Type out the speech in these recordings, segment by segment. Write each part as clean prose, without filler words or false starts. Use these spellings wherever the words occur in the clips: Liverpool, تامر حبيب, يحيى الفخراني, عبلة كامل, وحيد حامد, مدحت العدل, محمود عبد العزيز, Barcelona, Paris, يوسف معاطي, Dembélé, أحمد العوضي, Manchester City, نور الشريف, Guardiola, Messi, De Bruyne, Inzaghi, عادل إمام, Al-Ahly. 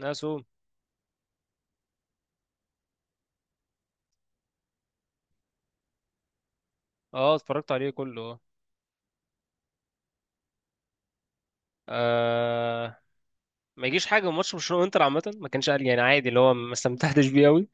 ناسو. اه، اتفرجت عليه كله. اه آه، ما يجيش حاجه من ماتش برشلونه وانتر. عامه ما كانش قال يعني عادي، اللي هو ما استمتعتش بيه قوي.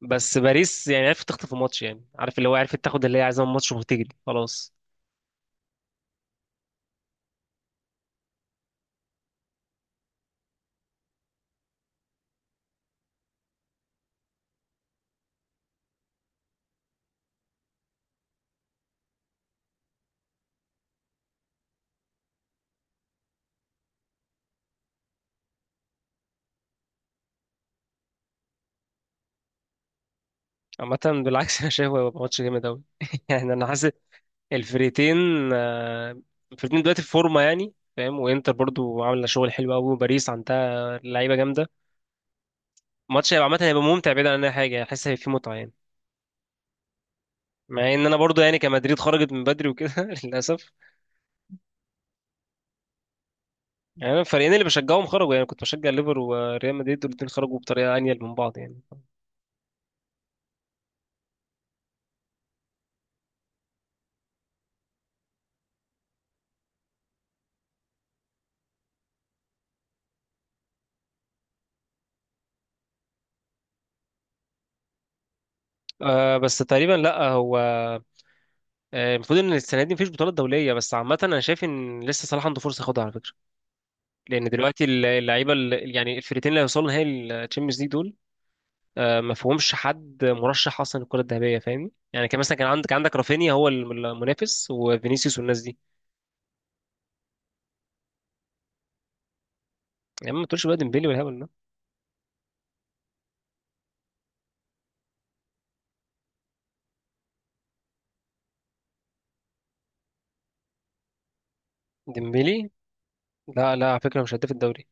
بس باريس يعني عرفت تخطف الماتش، يعني عارف، اللي هو عرفت تاخد اللي هي عايزاه من الماتش وتجري خلاص. عامه بالعكس انا شايفه هيبقى ماتش جامد قوي يعني انا حاسس الفريقين، آه، الفريقين دلوقتي في فورمه يعني فاهم، وانتر برضو عامله شغل حلو قوي، وباريس عندها لعيبه جامده. الماتش هيبقى عامه هيبقى ممتع بعيد عن اي حاجه، يعني حاسس هيبقى فيه متعه يعني. مع ان انا برضو يعني كمدريد خرجت من بدري وكده للاسف. يعني أنا الفريقين اللي بشجعهم خرجوا، يعني كنت بشجع ليفر وريال مدريد، والاتنين خرجوا بطريقه انيل من بعض يعني. آه بس تقريبا لا، هو آه، المفروض ان السنه دي مفيش بطولات دوليه، بس عامه انا شايف ان لسه صلاح عنده فرصه ياخدها على فكره. لان دلوقتي يعني الفرقتين اللي هيوصلوا نهائي الشامبيونز ليج دول آه، ما فيهمش حد مرشح اصلا الكره الذهبيه، فاهمني يعني؟ كان مثلا كان عندك رافينيا، هو المنافس وفينيسيوس والناس دي. يا عم ما تقولش بقى ديمبلي والهبل ده. ديمبلي لا لا، على فكره مش هداف الدوري.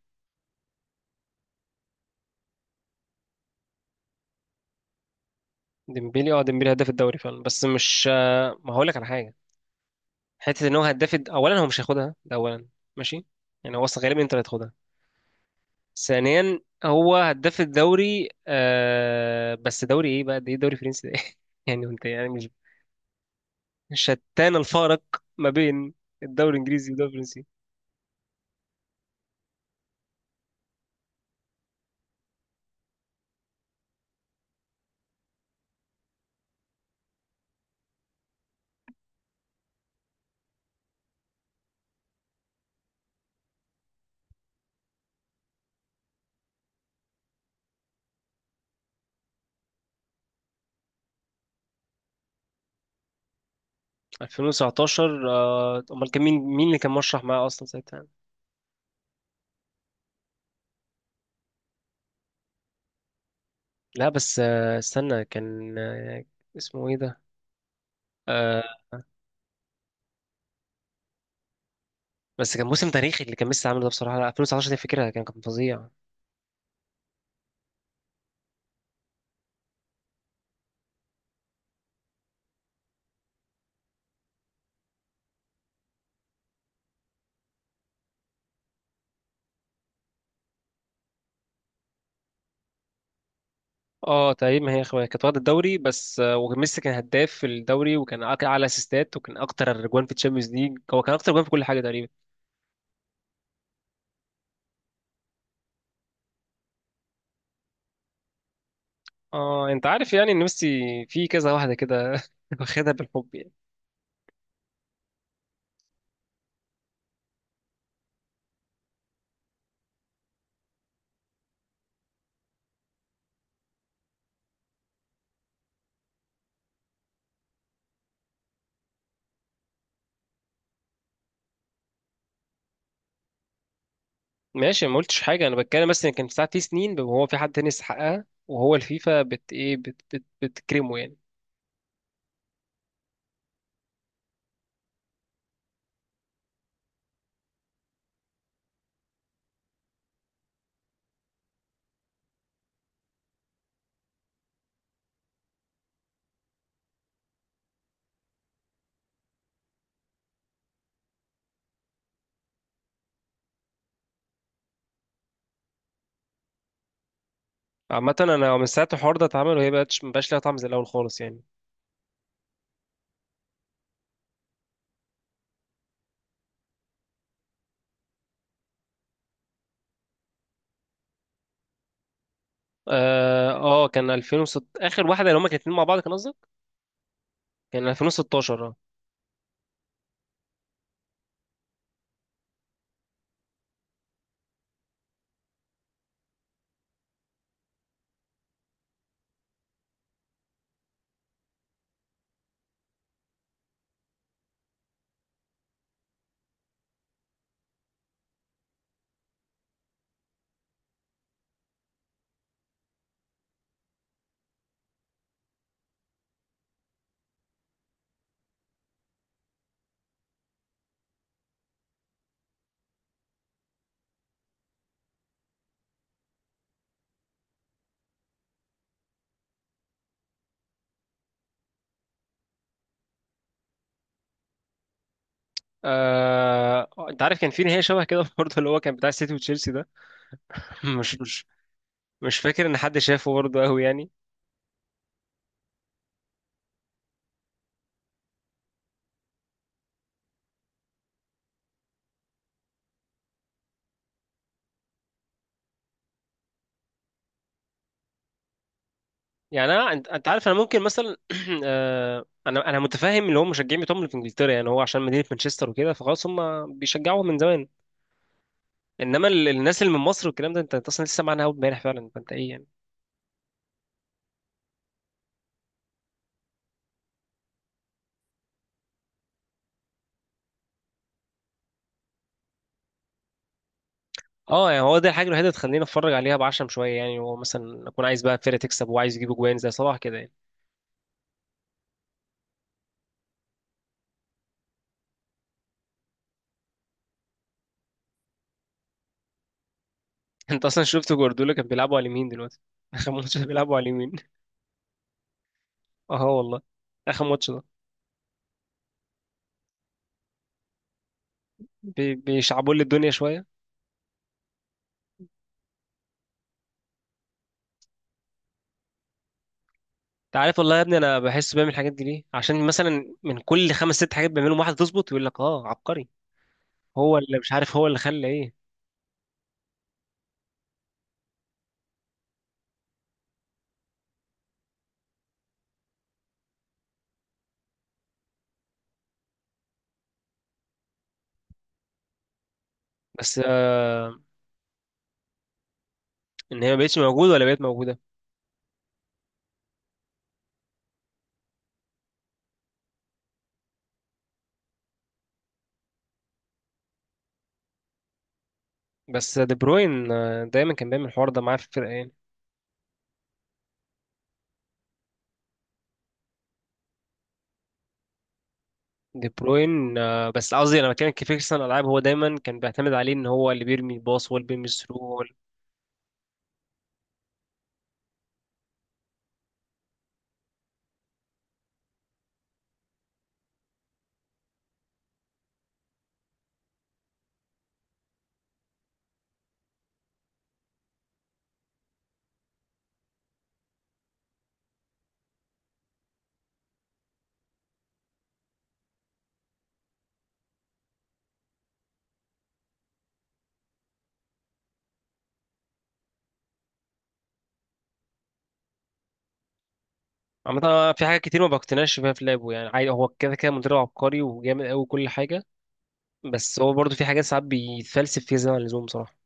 ديمبلي اه، ديمبلي هداف الدوري فعلا، بس مش آه، ما هقول لك على حاجه. حته ان هو اولا هو مش هياخدها، ده اولا. ماشي، يعني هو اصلا غالبا انت اللي هتاخدها. ثانيا، هو هداف الدوري آه، بس دوري ايه بقى ده؟ ايه، دوري فرنسي ده ايه؟ يعني انت يعني مش، شتان الفارق ما بين الدوري الانجليزي والدوري الفرنسي. 2019 آه، امال كان مين، مين اللي كان مرشح معاه اصلا ساعتها؟ لا بس آه، استنى كان آه، اسمه ايه ده؟ آه، بس كان موسم تاريخي اللي كان ميسي عامله ده بصراحه، لا 2019 دي فكرة، كان فظيع. اه تقريبا هي اخويا كانت واخده الدوري، بس آه، وميسي كان هداف في الدوري، وكان اعلى اسيستات، وكان اكتر جوان في الشامبيونز ليج، هو كان اكتر جوان في كل حاجه تقريبا. اه، انت عارف يعني ان ميسي في كذا واحده كده واخدها بالحب يعني. ماشي، ما قلتش حاجه، انا بتكلم بس ان كان ساعات في سنين وهو في حد تاني يستحقها، وهو الفيفا بت ايه، بت بتكرمه يعني. عامة أنا من ساعة الحوار ده اتعمل، وهي بقتش، مبقاش ليها طعم زي الأول خالص يعني. اه آه، كان 2006 اخر واحده اللي هما كانوا اتنين مع بعض، كان قصدك؟ كان 2016 اه. آه، انت عارف كان في نهايه شبه كده برضه، اللي هو كان بتاع السيتي وتشيلسي ده. مش مش مش فاكر ان حد شافه برضه قوي يعني. يعني انا، أنت عارف انا ممكن مثلا آه، انا متفاهم اللي هو مشجعين بتوعهم اللي في انجلترا، يعني هو عشان مدينه مانشستر وكده، فخلاص هم بيشجعوهم من زمان. انما الناس اللي من مصر والكلام ده، أنت اصلا لسه معانا اول امبارح فعلا، فانت ايه يعني؟ اه، يعني هو ده الحاجه الوحيده اللي تخليني اتفرج عليها بعشم شويه يعني، هو مثلا اكون عايز بقى فرقه تكسب وعايز يجيبوا جوان زي صلاح كده يعني. انت اصلا شفت جوارديولا كان بيلعبوا على اليمين دلوقتي؟ اخر ماتش ده بيلعبوا على اليمين. اه والله، اخر ماتش ده بيشعبوا لي الدنيا شويه. انت عارف والله يا ابني انا بحس بعمل الحاجات دي ليه؟ عشان مثلا من كل خمس ست حاجات بيعملهم واحده تظبط، يقول لك اه عبقري. هو اللي مش عارف هو اللي خلى ايه. بس آه ان هي ما بقتش موجوده، ولا بقت موجوده. بس دي بروين آه، دايما كان بيعمل الحوار ده معاه في الفرقه يعني. دي بروين آه، بس قصدي انا بتكلم كفيكسن العاب، هو دايما كان بيعتمد عليه ان هو اللي بيرمي الباص، هو اللي بيرمي الثرو، عامة في حاجات كتير ما بقتنعش بيها في لعبه يعني، عادي هو كده كده مدرب عبقري وجامد قوي كل حاجة. بس هو برضه في حاجات ساعات بيتفلسف فيها زي ما اللزوم، بصراحة.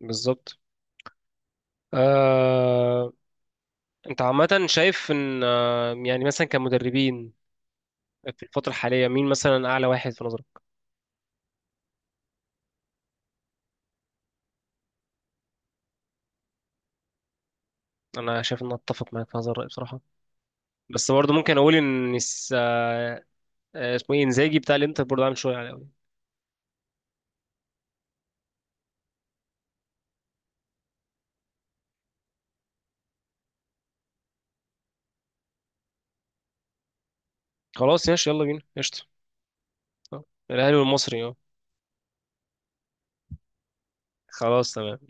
بالظبط. آه... انت عامة شايف ان آه... يعني مثلا كمدربين في الفترة الحالية، مين مثلا أعلى واحد في نظرك؟ أنا شايف إن أتفق معاك في هذا الرأي بصراحة. بس برضه ممكن أقول إن آه، اسمه إيه، إنزاجي بتاع الإنتر برضه عامل شغل. خلاص ياش، يلا بينا قشطة. آه. الأهلي والمصري اه. خلاص تمام.